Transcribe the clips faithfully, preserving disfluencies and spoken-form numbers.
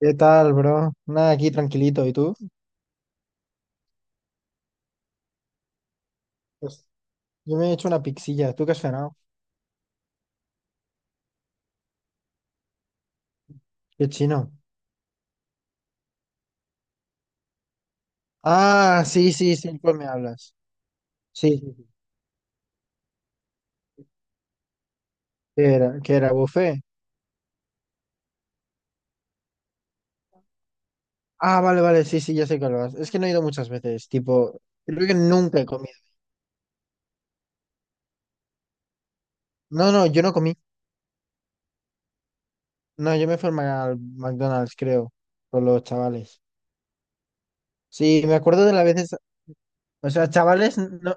¿Qué tal, bro? Nada, aquí tranquilito. ¿Y tú? Pues, Yo me he hecho una pixilla. ¿Tú qué has cenado? ¿Qué chino? Ah, sí, sí, sí, ¿cuál me hablas? Sí, sí, sí. ¿Qué era? ¿Qué era? ¿Buffet? Ah, vale, vale, sí, sí, ya sé cuál vas. Es que no he ido muchas veces, tipo, creo que nunca he comido. No, no, yo no comí. No, yo me fui al Ma- al McDonald's, creo, con los chavales. Sí, me acuerdo de las veces, o sea, chavales, no,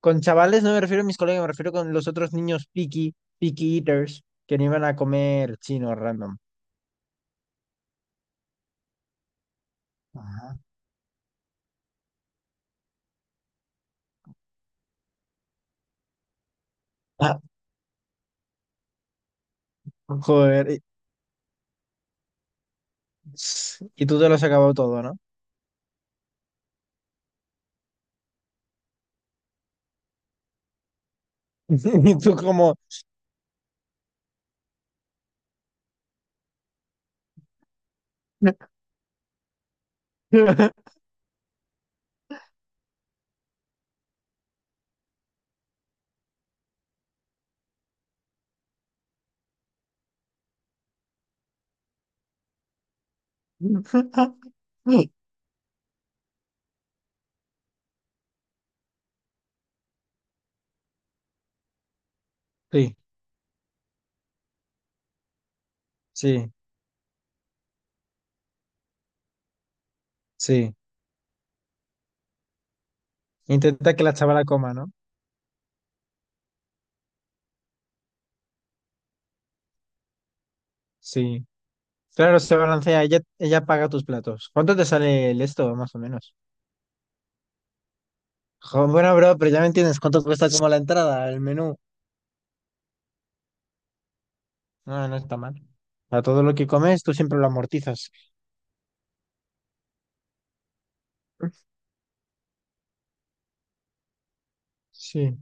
con chavales no me refiero a mis colegas, me refiero con los otros niños picky, picky eaters, que no iban a comer chino random. Ajá. Ah, joder, y, y tú te lo has acabado todo, ¿no? Y tú como... Sí, sí, sí. Intenta que la chavala coma, ¿no? Sí. Claro, se balancea, ella, ella paga tus platos. ¿Cuánto te sale el esto, más o menos? Jo, bueno, bro, pero ya me entiendes, ¿cuánto cuesta como la entrada, el menú? No, no está mal. A todo lo que comes, tú siempre lo amortizas. Sí,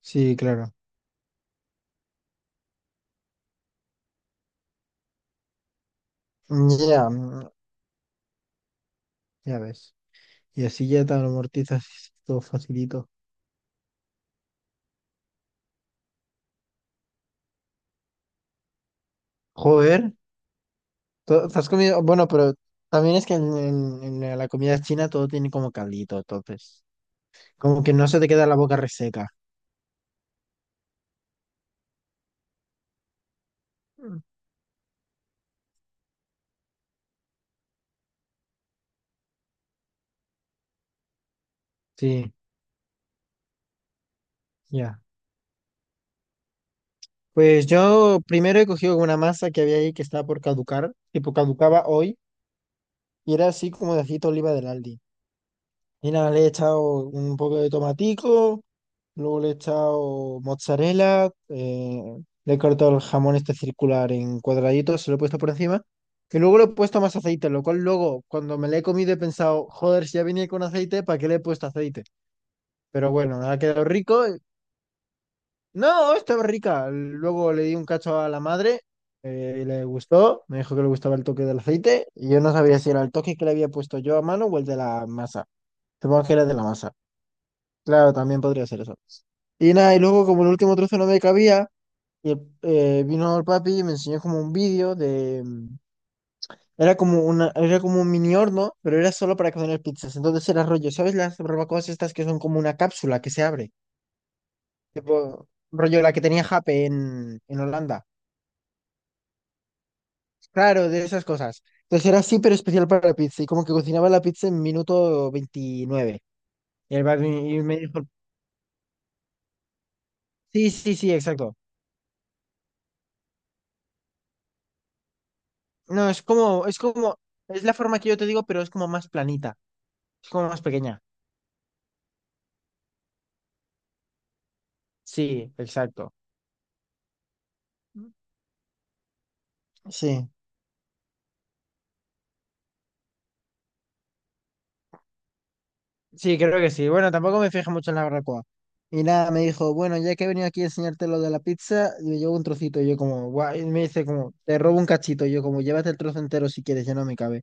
sí, claro. Ya, mm, ya ves. Y así ya te amortizas todo facilito. Joder, to- te has comido, bueno, pero también es que en, en- en la comida china todo tiene como caldito, entonces, como que no se te queda la boca reseca. Mm. Sí, ya. Pues yo primero he cogido una masa que había ahí que estaba por caducar, tipo caducaba hoy, y era así como de aceite de oliva del Aldi. Y nada, le he echado un poco de tomatico, luego le he echado mozzarella, eh, le he cortado el jamón este circular en cuadraditos, se lo he puesto por encima, y luego le he puesto más aceite, lo cual luego cuando me lo he comido he pensado, joder, si ya venía con aceite, ¿para qué le he puesto aceite? Pero bueno, ha quedado rico. eh, No, estaba rica. Luego le di un cacho a la madre, eh, y le gustó, me dijo que le gustaba el toque del aceite, y yo no sabía si era el toque que le había puesto yo a mano o el de la masa. Supongo que era de la masa. Claro, también podría ser eso. Y nada, y luego como el último trozo no me cabía, y el- eh, vino el papi y me enseñó como un vídeo de... mm, Era como una, era como un mini horno, pero era solo para cocinar pizzas. Entonces era rollo, ¿sabes las barbacoas estas que son como una cápsula que se abre? Tipo, rollo la que tenía Jape en, en Holanda. Claro, de esas cosas. Entonces era así, pero especial para la pizza. Y como que cocinaba la pizza en minuto veintinueve. Y, el papi- y me dijo, sí, sí, sí, exacto. No, es como, es como, es la forma que yo te digo, pero es como más planita, es como más pequeña. Sí, exacto. Sí, sí, creo que sí. Bueno, tampoco me fijé mucho en la barbacoa. Y nada, me dijo, bueno, ya que he venido aquí a enseñarte lo de la pizza, yo llevo un trocito, y yo como, guay y me dice como, te robo un cachito, y yo como, llévate el trozo entero si quieres, ya no me cabe.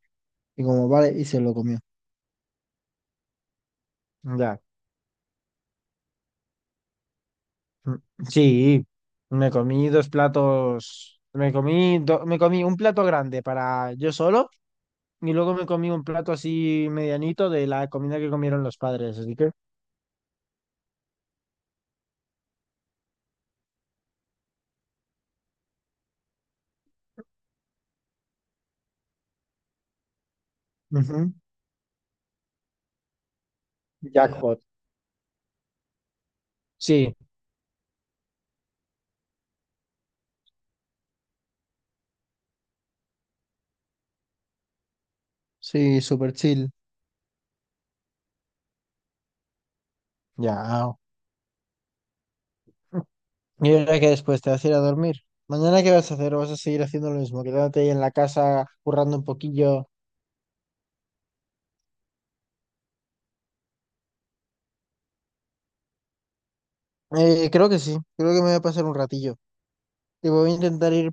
Y como, vale, y se lo comió. Ya. Mm, Sí, me comí dos platos, me comí, do- me comí un plato grande para yo solo. Y luego me comí un plato así medianito de la comida que comieron los padres, así que... ujú, Jackpot. Sí, Sí, súper chill. Ya. Y ahora que después te vas a ir a dormir. ¿Mañana qué vas a hacer? ¿O vas a seguir haciendo lo mismo? Quedándote ahí en la casa, currando un poquillo. Eh, creo que sí. Creo que me voy a pasar un ratillo. Y voy a intentar ir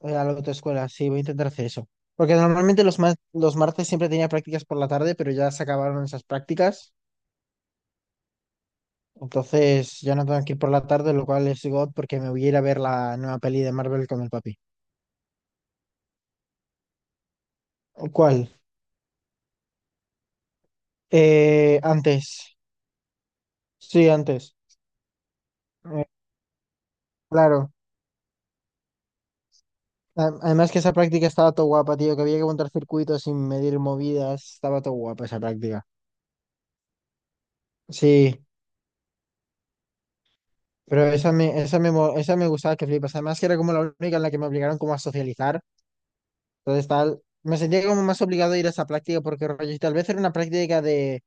eh, a la autoescuela. Sí, voy a intentar hacer eso. Porque normalmente los, ma- los martes siempre tenía prácticas por la tarde, pero ya se acabaron esas prácticas. Entonces ya no tengo que ir por la tarde, lo cual es God porque me voy a ir a ver la nueva peli de Marvel con el papi. ¿Cuál? Eh, antes. Sí, antes. Eh, claro. A- Además que esa práctica estaba todo guapa, tío, que había que montar circuitos sin medir movidas. Estaba todo guapa esa práctica. Sí, pero esa me, esa me, mo- esa me gustaba que flipas. Además que era como la única en la que me obligaron como a socializar. Entonces tal, me sentía como más obligado a ir a esa práctica porque rollo, y tal vez era una práctica de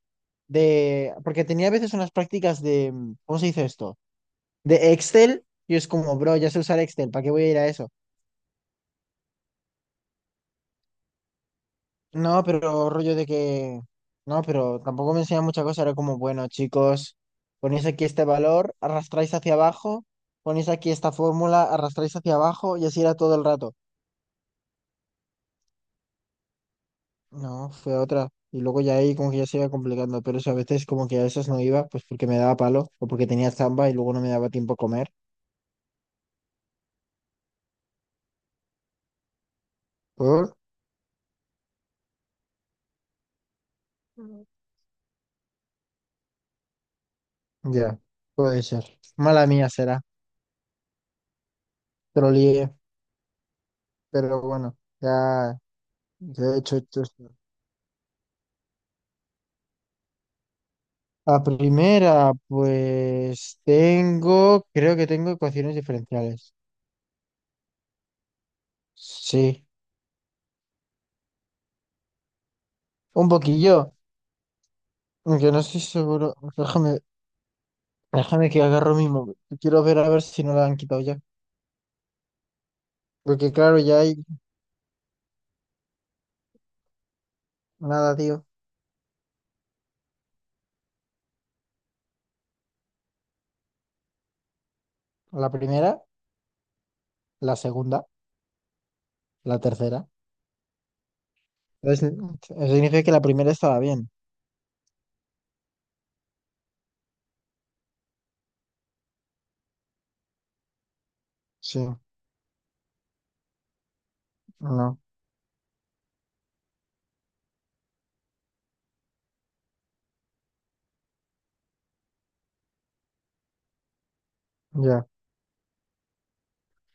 de, porque tenía a veces unas prácticas de, mm, ¿cómo se dice esto? De Excel, y es como, bro, ya sé usar Excel, ¿para qué voy a ir a eso? No, pero rollo de que, no, pero tampoco me enseñan mucha cosa, era como, bueno, chicos, ponéis aquí este valor, arrastráis hacia abajo, ponéis aquí esta fórmula, arrastráis hacia abajo, y así era todo el rato. No, fue otra. Y luego ya ahí como que ya se iba complicando, pero eso a veces como que a veces no iba, pues porque me daba palo, o porque tenía zamba y luego no me daba tiempo a comer. ¿Por? Ya, puede ser. Mala mía será, te lo lié, pero bueno, ya ya he hecho esto. La primera, pues tengo, creo que tengo ecuaciones diferenciales. Sí, un poquillo, aunque no estoy seguro. Déjame, déjame que agarro mi móvil. Quiero ver a ver si no la han quitado ya. Porque claro, ya hay nada, tío. La primera, la segunda, la tercera. Entonces, eso significa que la primera estaba bien. Sí, no, ya.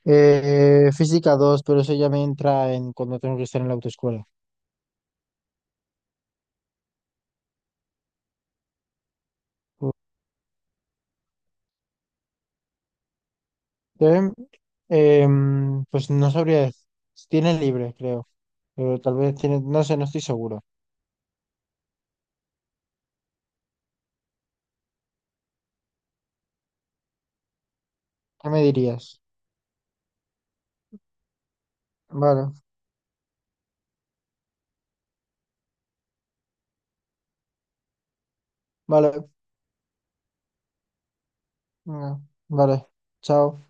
Eh, física dos, pero eso ya me entra en cuando tengo que estar en la autoescuela. Eh, em, pues no sabría, dec- tiene libre, creo, pero tal vez tiene, no sé, no estoy seguro. ¿Qué me dirías? Vale, vale, venga, vale, chao.